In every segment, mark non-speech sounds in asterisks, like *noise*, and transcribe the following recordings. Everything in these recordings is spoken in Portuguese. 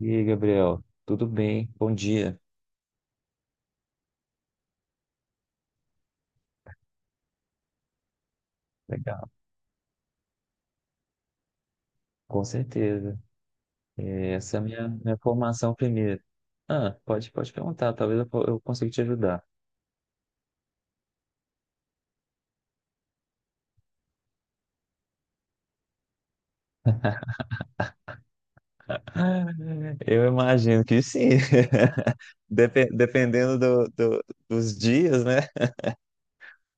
E aí, Gabriel, tudo bem? Bom dia. Legal. Com certeza. Essa é a minha formação primeiro. Ah, pode perguntar, talvez eu consiga te ajudar. *laughs* Eu imagino que sim. *laughs* Dependendo dos dias, né?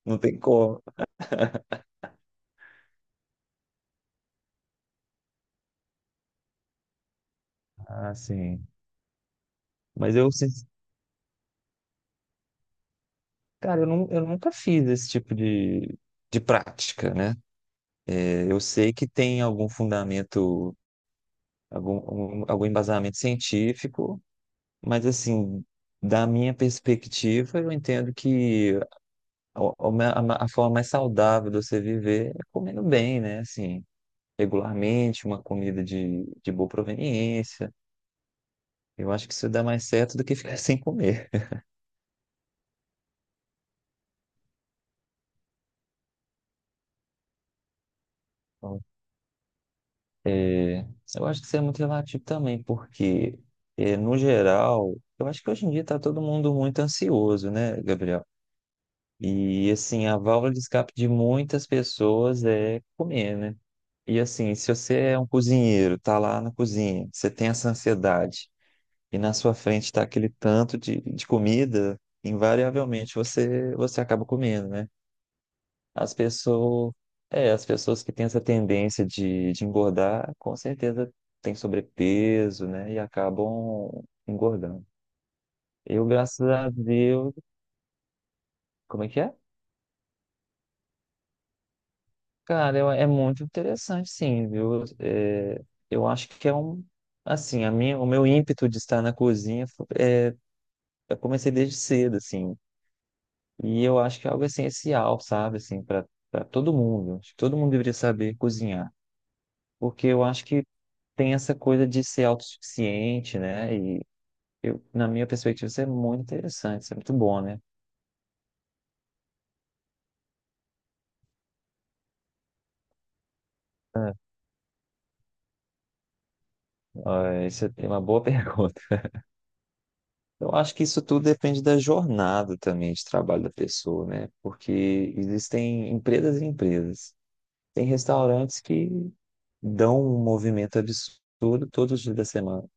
Não tem como. Ah, sim. Mas eu, sin- Cara, eu nunca fiz esse tipo de prática, né? Eu sei que tem algum fundamento, algum embasamento científico. Mas assim, da minha perspectiva, eu entendo que a, a forma mais saudável de você viver é comendo bem, né? Assim, regularmente, uma comida de boa proveniência. Eu acho que isso dá mais certo do que ficar *laughs* sem comer. Então, é, eu acho que isso é muito relativo também, porque, no geral, eu acho que hoje em dia está todo mundo muito ansioso, né, Gabriel? E assim, a válvula de escape de muitas pessoas é comer, né? E assim, se você é um cozinheiro, tá lá na cozinha, você tem essa ansiedade e na sua frente tá aquele tanto de comida, invariavelmente você acaba comendo, né? As pessoas, as pessoas que têm essa tendência de engordar, com certeza têm sobrepeso, né? E acabam engordando. Eu, graças a Deus, como é que é? Cara, é muito interessante, sim, viu? Eu acho que é um, assim, a minha, o meu ímpeto de estar na cozinha, eu comecei desde cedo, assim, e eu acho que é algo essencial, sabe, assim, para todo mundo. Acho que todo mundo deveria saber cozinhar, porque eu acho que tem essa coisa de ser autossuficiente, né? E eu, na minha perspectiva, isso é muito interessante, isso é muito bom, né? Ah, isso é uma boa *laughs* pergunta. Eu acho que isso tudo depende da jornada também de trabalho da pessoa, né? Porque existem empresas e empresas. Tem restaurantes que dão um movimento absurdo todos os dias da semana.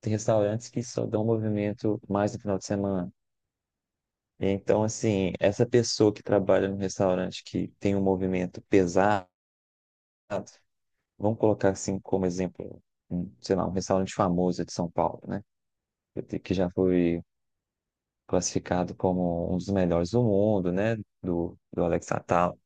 Tem restaurantes que só dão movimento mais no final de semana. Então, assim, essa pessoa que trabalha num restaurante que tem um movimento pesado, vamos colocar assim como exemplo, um, sei lá, um restaurante famoso de São Paulo, né? Que já foi classificado como um dos melhores do mundo, né? Do Alex Atala.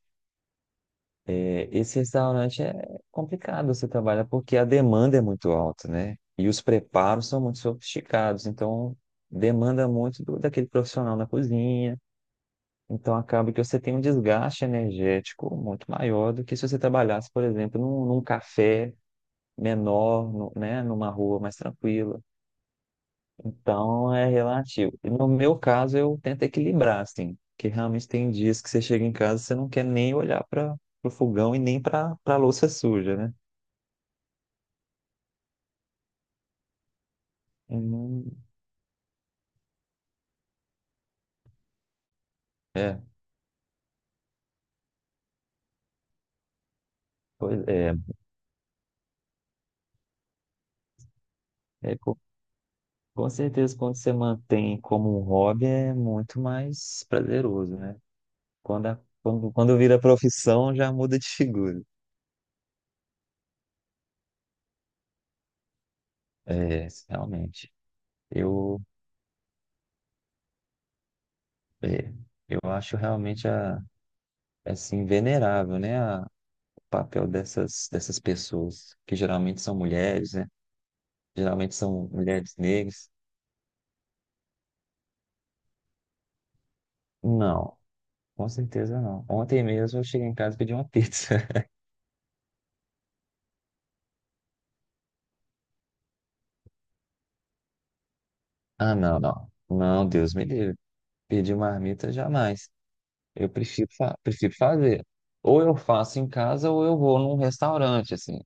É, esse restaurante é complicado você trabalhar porque a demanda é muito alta, né? E os preparos são muito sofisticados, então demanda muito daquele profissional na cozinha. Então acaba que você tem um desgaste energético muito maior do que se você trabalhasse, por exemplo, num café menor, né? Numa rua mais tranquila. Então é relativo. E no meu caso, eu tento equilibrar, assim, porque realmente tem dias que você chega em casa e você não quer nem olhar para o fogão e nem para a louça suja, né? E É, pois é, é co- Com certeza quando você mantém como um hobby é muito mais prazeroso, né? Quando vira profissão já muda de figura. É, realmente. Eu, é, eu acho realmente assim, venerável, né? Papel dessas, pessoas, que geralmente são mulheres, né? Geralmente são mulheres negras. Não, com certeza não. Ontem mesmo eu cheguei em casa e pedi uma pizza. *laughs* Ah, não, não. Não, Deus me livre. Pedir uma marmita jamais. Eu prefiro fazer. Ou eu faço em casa ou eu vou num restaurante, assim.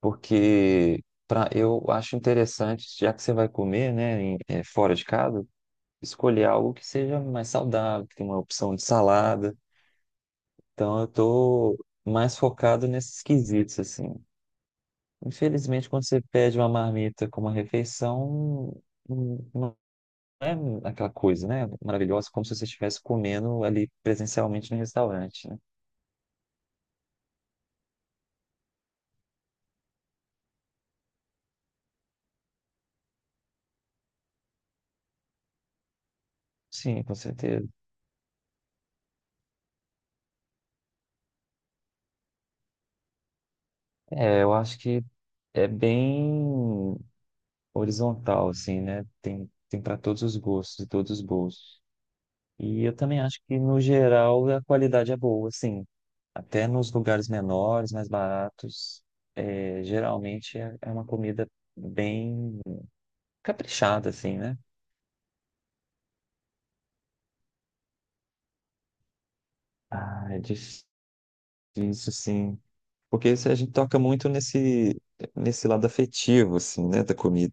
Porque pra, eu acho interessante, já que você vai comer, né, fora de casa, escolher algo que seja mais saudável, que tenha uma opção de salada. Então eu tô mais focado nesses quesitos, assim. Infelizmente, quando você pede uma marmita como uma refeição, não é aquela coisa, né? Maravilhosa, como se você estivesse comendo ali presencialmente no restaurante, né? Sim, com certeza. É, eu acho que é bem horizontal, assim, né? Tem para todos os gostos e todos os bolsos. E eu também acho que, no geral, a qualidade é boa, assim. Até nos lugares menores, mais baratos, geralmente é uma comida bem caprichada, assim, né? Ah, é difícil, sim. Porque se a gente toca muito nesse, nesse lado afetivo, assim, né, da comida.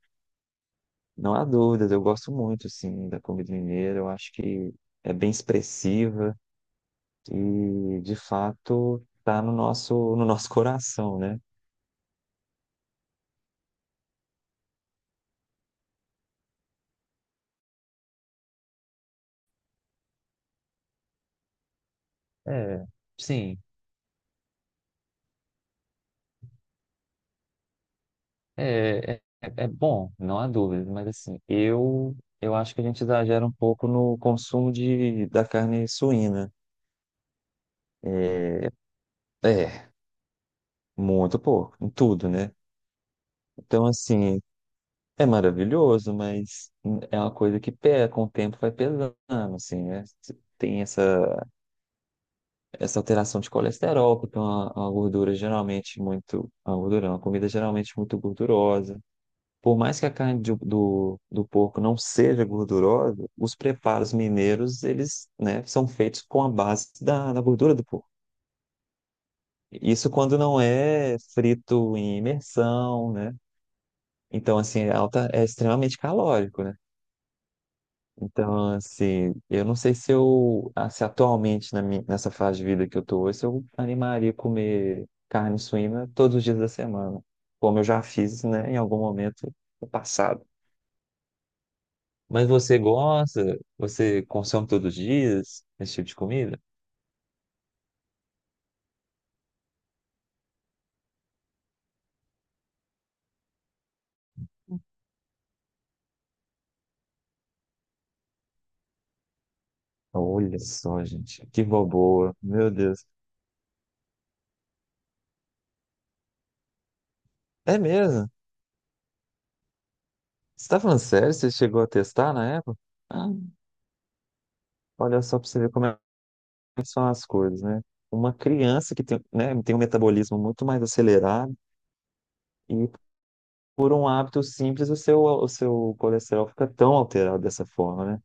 Não há dúvidas, eu gosto muito, assim, da comida mineira. Eu acho que é bem expressiva e, de fato, tá no nosso, no nosso coração, né? É, sim. É, é, É bom, não há dúvida, mas assim, eu acho que a gente exagera um pouco no consumo da carne suína. É, é, Muito pouco, em tudo, né? Então, assim, é maravilhoso, mas é uma coisa que pega, com o tempo vai pesando, assim, né? Você Tem essa, essa alteração de colesterol, porque é uma gordura geralmente muito. Uma gordura, não, uma comida geralmente muito gordurosa. Por mais que a carne do porco não seja gordurosa, os preparos mineiros, eles, né, são feitos com a base da gordura do porco. Isso quando não é frito em imersão, né? Então, assim, é alta, é extremamente calórico, né? Então, assim, eu não sei se eu, ah, se atualmente na minha, nessa fase de vida que eu tô hoje, se eu animaria a comer carne suína todos os dias da semana, como eu já fiz, né, em algum momento no passado. Mas você gosta? Você consome todos os dias esse tipo de comida? Olha só, gente, que boboa. Meu Deus. É mesmo? Você tá falando sério? Você chegou a testar na época? Ah, olha só pra você ver como é que são as coisas, né? Uma criança que tem, né, tem um metabolismo muito mais acelerado e por um hábito simples o seu colesterol fica tão alterado dessa forma, né?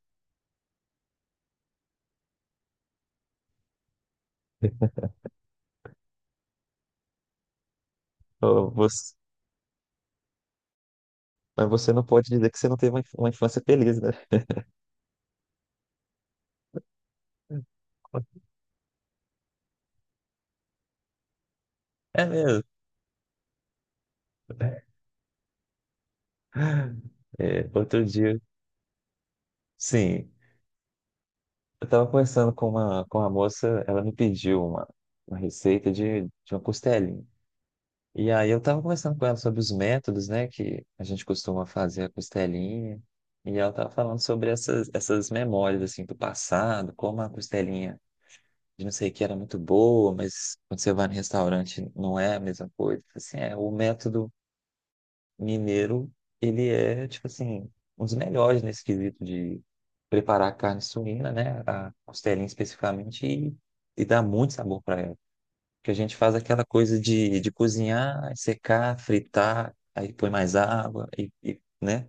Ô, você, mas você não pode dizer que você não teve uma uma infância feliz, né? É mesmo. É, outro dia. Sim, eu estava conversando com uma moça, ela me pediu uma receita de uma costelinha. E aí eu estava conversando com ela sobre os métodos, né, que a gente costuma fazer a costelinha. E ela estava falando sobre essas, essas memórias, assim, do passado, como a costelinha de não sei o que era muito boa, mas quando você vai no restaurante não é a mesma coisa. Assim, é, o método mineiro, ele é, tipo assim, um dos melhores nesse quesito de preparar carne suína, né? A costelinha especificamente, e dá muito sabor para ela. Porque a gente faz aquela coisa de cozinhar, secar, fritar, aí põe mais água, e, né?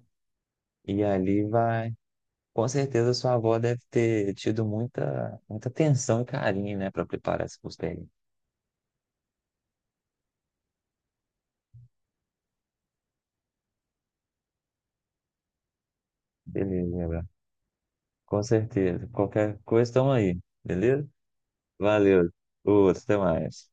E ali vai. Com certeza sua avó deve ter tido muita, muita atenção e carinho, né, para preparar essa costelinha. Beleza, Gabriel. Com certeza. Qualquer coisa, estamos aí. Beleza? Valeu. Outro, até mais.